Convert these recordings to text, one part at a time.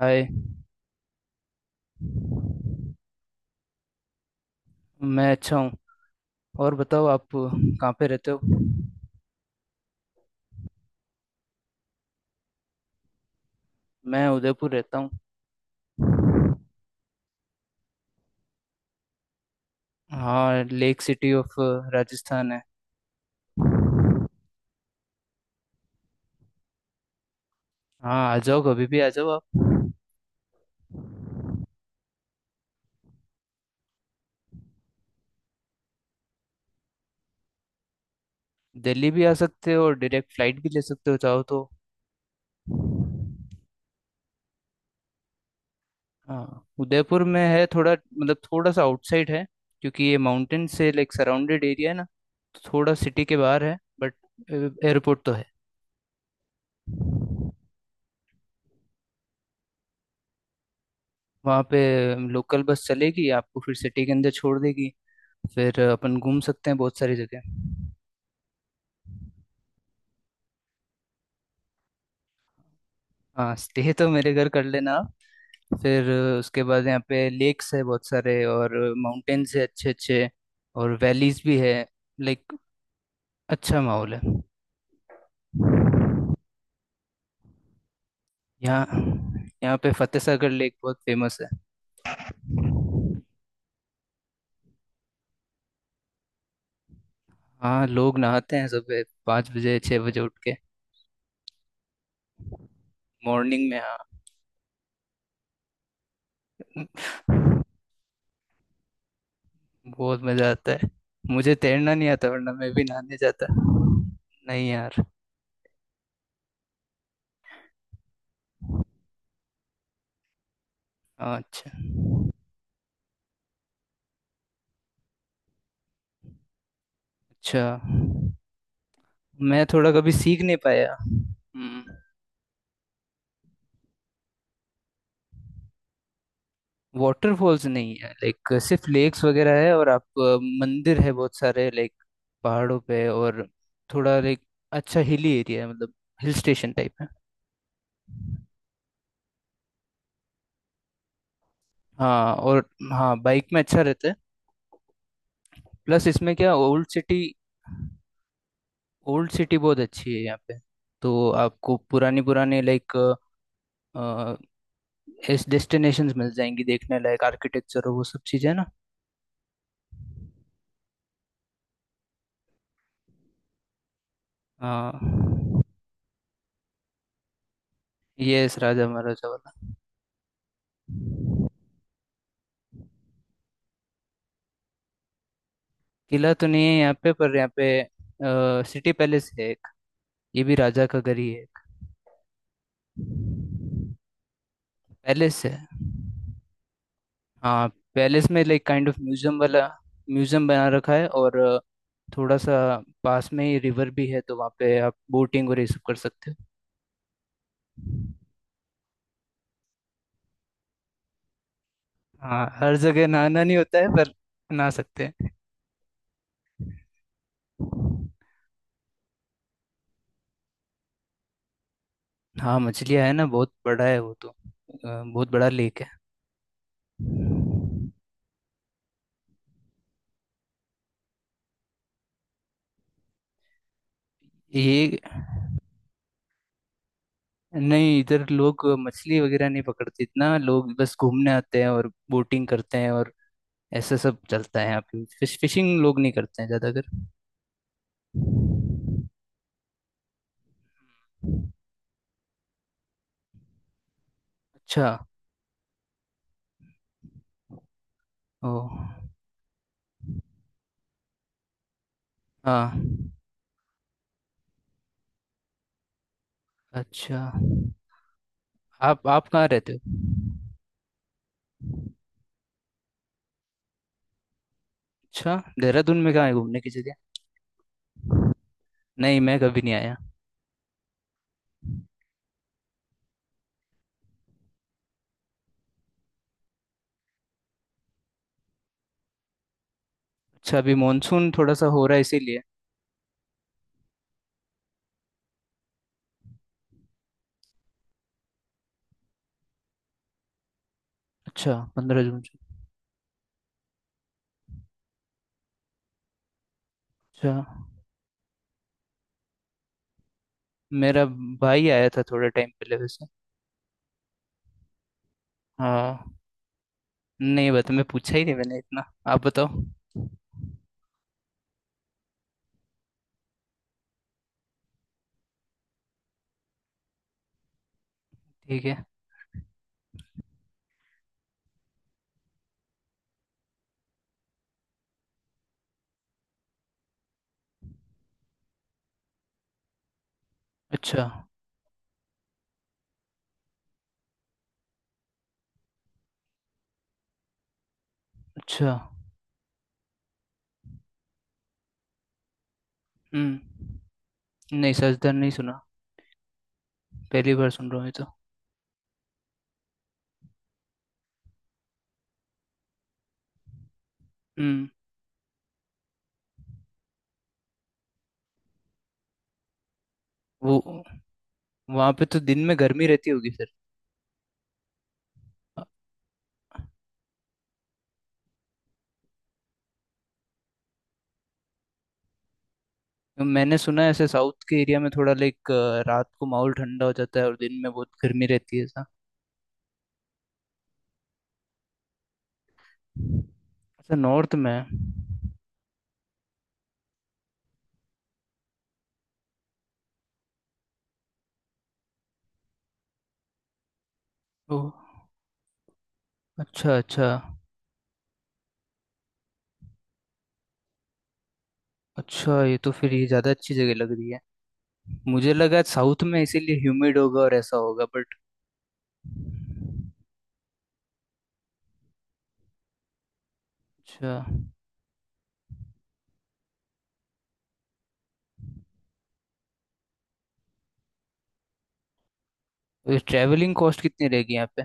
हाय। मैं अच्छा हूँ। और बताओ आप कहाँ पे रहते हो? मैं उदयपुर रहता हूँ। हाँ, लेक सिटी ऑफ राजस्थान है। हाँ, आ जाओ कभी भी आ जाओ आप। दिल्ली भी आ सकते हो और डायरेक्ट फ्लाइट भी ले सकते हो चाहो तो। हाँ, उदयपुर में है, थोड़ा मतलब थोड़ा सा आउटसाइड है। क्योंकि ये माउंटेन से लाइक सराउंडेड एरिया है ना, तो थोड़ा सिटी के बाहर है, बट एयरपोर्ट तो है। वहाँ पे लोकल बस चलेगी आपको, फिर सिटी के अंदर छोड़ देगी। फिर अपन घूम सकते हैं बहुत सारी जगह। हाँ, स्टे तो मेरे घर कर लेना आप। फिर उसके बाद यहाँ पे लेक्स है बहुत सारे और माउंटेन्स है अच्छे अच्छे। और वैलीज भी है, लाइक अच्छा माहौल है। यहाँ यहाँ पे फतेह सागर लेक बहुत फेमस है। हाँ, लोग नहाते हैं सुबह 5 बजे 6 बजे उठ के। मॉर्निंग में, हाँ। बहुत मज़ा आता है। मुझे तैरना नहीं आता वरना मैं भी नहाने जाता। नहीं यार। हाँ, अच्छा अच्छा। मैं थोड़ा कभी सीख नहीं पाया। हम्म। वाटरफॉल्स नहीं है, लाइक सिर्फ लेक्स वगैरह है। और आप मंदिर है बहुत सारे लाइक पहाड़ों पे। और थोड़ा लाइक अच्छा हिली एरिया है मतलब। हिल स्टेशन टाइप है। हाँ, और हाँ, बाइक में अच्छा रहता है। प्लस इसमें क्या, ओल्ड सिटी, ओल्ड सिटी बहुत अच्छी है यहाँ पे। तो आपको पुरानी पुरानी लाइक इस डेस्टिनेशंस मिल जाएंगी, देखने लायक आर्किटेक्चर और वो सब चीज़ें ना। हाँ, यस, राजा महाराजा वाला। किला तो नहीं है यहाँ पे, पर यहाँ पे सिटी पैलेस है एक, ये भी राजा का घर ही है। पैलेस है, हाँ। पैलेस में लाइक काइंड ऑफ म्यूजियम वाला म्यूजियम बना रखा है। और थोड़ा सा पास में ही रिवर भी है, तो वहाँ पे आप बोटिंग और ये सब कर सकते हो। हाँ, हर जगह नहाना नहीं होता है पर नहा सकते हैं। हाँ, मछलियाँ है ना, बहुत बड़ा है वो तो बहुत बड़ा लेक है। ये नहीं, इधर लोग मछली वगैरह नहीं पकड़ते इतना, लोग बस घूमने आते हैं और बोटिंग करते हैं और ऐसा सब चलता है यहाँ पे। फिशिंग लोग नहीं करते हैं ज्यादातर। अच्छा। ओ, हाँ, अच्छा। आप कहाँ रहते हो? अच्छा, देहरादून में कहाँ है घूमने की जगह? नहीं, मैं कभी नहीं आया। अच्छा, अभी मानसून थोड़ा सा हो रहा है इसीलिए। अच्छा, 15 जून से। अच्छा, मेरा भाई आया था थोड़े टाइम पहले वैसे। हाँ। नहीं बता, मैं पूछा ही नहीं मैंने इतना। आप बताओ। ठीक है। अच्छा अच्छा। हम्म। नहीं, सजदर नहीं सुना, पहली बार सुन रहा हूँ ये तो। हम्म वो वहाँ पे तो दिन में गर्मी रहती होगी फिर। अ, मैंने सुना है ऐसे साउथ के एरिया में थोड़ा लाइक रात को माहौल ठंडा हो जाता है और दिन में बहुत गर्मी रहती है ऐसा। अच्छा, नॉर्थ में। ओ, अच्छा अच्छा। अच्छा, ये तो फिर ये ज़्यादा अच्छी जगह लग रही है। मुझे लगा साउथ में इसीलिए ह्यूमिड होगा और ऐसा होगा, बट अच्छा। ट्रैवलिंग कॉस्ट कितनी रहेगी यहाँ पे?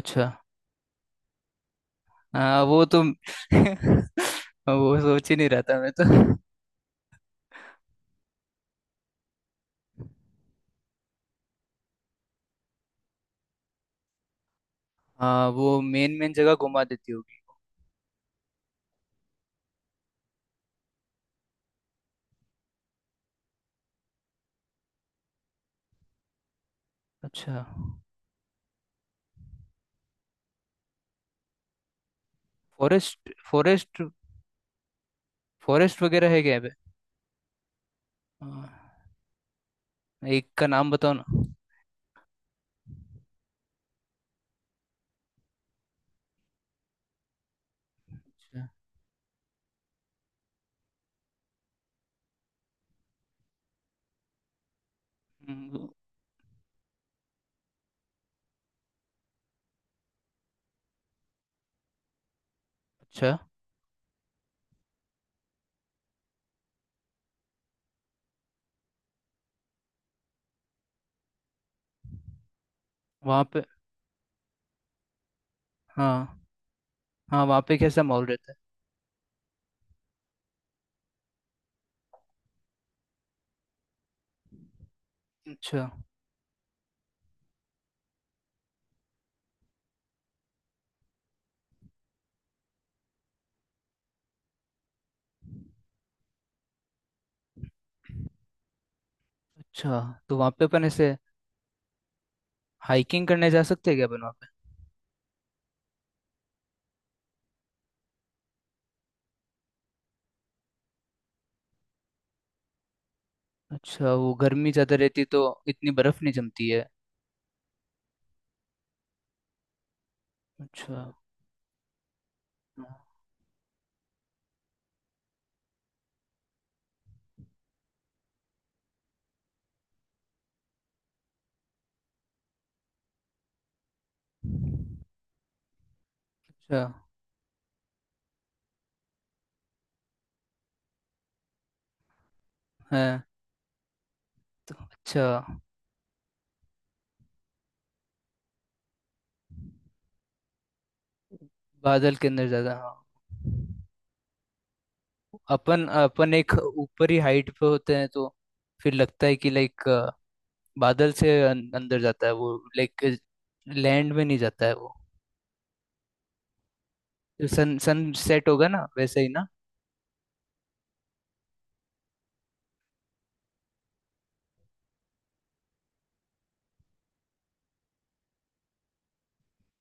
अच्छा। हाँ, वो तो वो सोच ही नहीं रहा था मैं तो। हाँ, वो मेन मेन जगह घुमा देती होगी। अच्छा। फॉरेस्ट फॉरेस्ट, फॉरेस्ट वगैरह है क्या यहाँ पे? हाँ, एक का नाम बताओ ना। अच्छा। हम्म। अच्छा। वहाँ पे हाँ हाँ, वहाँ पे कैसा माहौल रहता है? अच्छा अच्छा। तो वहाँ पे अपन ऐसे हाइकिंग करने जा सकते हैं क्या अपन, वहाँ पे? अच्छा, वो गर्मी ज़्यादा रहती तो इतनी बर्फ़ नहीं जमती है? अच्छा। अच्छा है तो। अच्छा, बादल के अंदर ज्यादा, हाँ। अपन अपन एक ऊपरी हाइट पे होते हैं तो फिर लगता है कि लाइक बादल से अंदर जाता है वो, लाइक लैंड में नहीं जाता है वो। सन सन सेट होगा ना वैसे ही ना।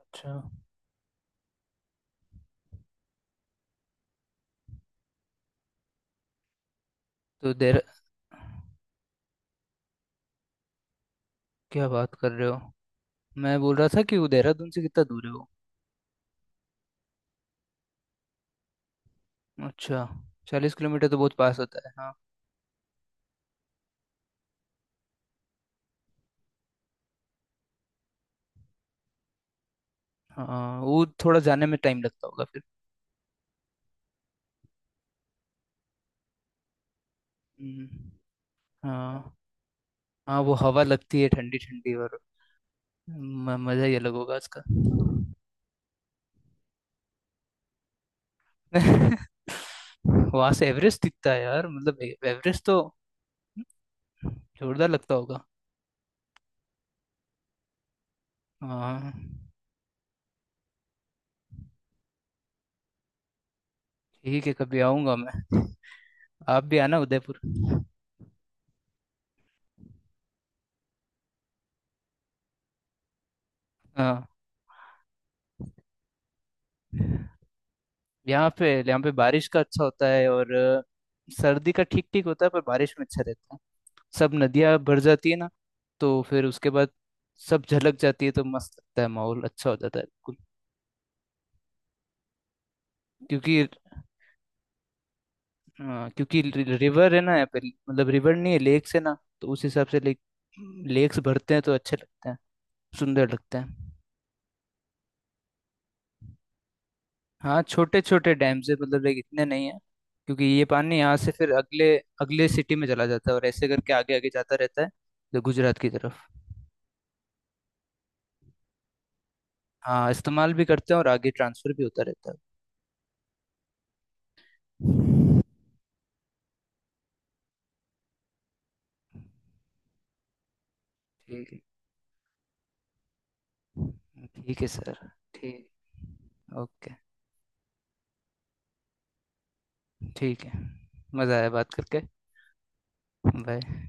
अच्छा तो देर। क्या बात कर रहे हो? मैं बोल रहा था कि वो देहरादून से कितना दूर है वो। अच्छा। 40 किलोमीटर तो बहुत पास होता है हाँ। हाँ, वो थोड़ा जाने में टाइम लगता होगा फिर। हम्म, हाँ हाँ। वो हवा लगती है ठंडी ठंडी, और मजा ही अलग होगा उसका। वहां से एवरेस्ट दिखता है यार, मतलब एवरेस्ट तो जोरदार लगता होगा। हाँ, ठीक है, कभी आऊंगा मैं। आप भी आना उदयपुर। हाँ, यहाँ पे बारिश का अच्छा होता है और सर्दी का ठीक ठीक होता है, पर बारिश में अच्छा रहता है। सब नदियाँ भर जाती है ना, तो फिर उसके बाद सब झलक जाती है तो मस्त लगता है, माहौल अच्छा हो जाता है बिल्कुल। क्योंकि हाँ, क्योंकि रिवर है ना यहाँ पे, मतलब रिवर नहीं है लेक्स है ना, तो उस हिसाब से लेक्स भरते हैं तो अच्छे लगते हैं, सुंदर लगते हैं। हाँ, छोटे छोटे डैम से मतलब लाइक, इतने नहीं है। क्योंकि ये पानी यहाँ से फिर अगले अगले सिटी में चला जाता है और ऐसे करके आगे आगे जाता रहता है, तो गुजरात की तरफ। हाँ, इस्तेमाल भी करते हैं और आगे ट्रांसफर भी होता रहता है। ठीक है। ठीक है सर। ठीक। ओके। ठीक है, मज़ा आया बात करके। बाय।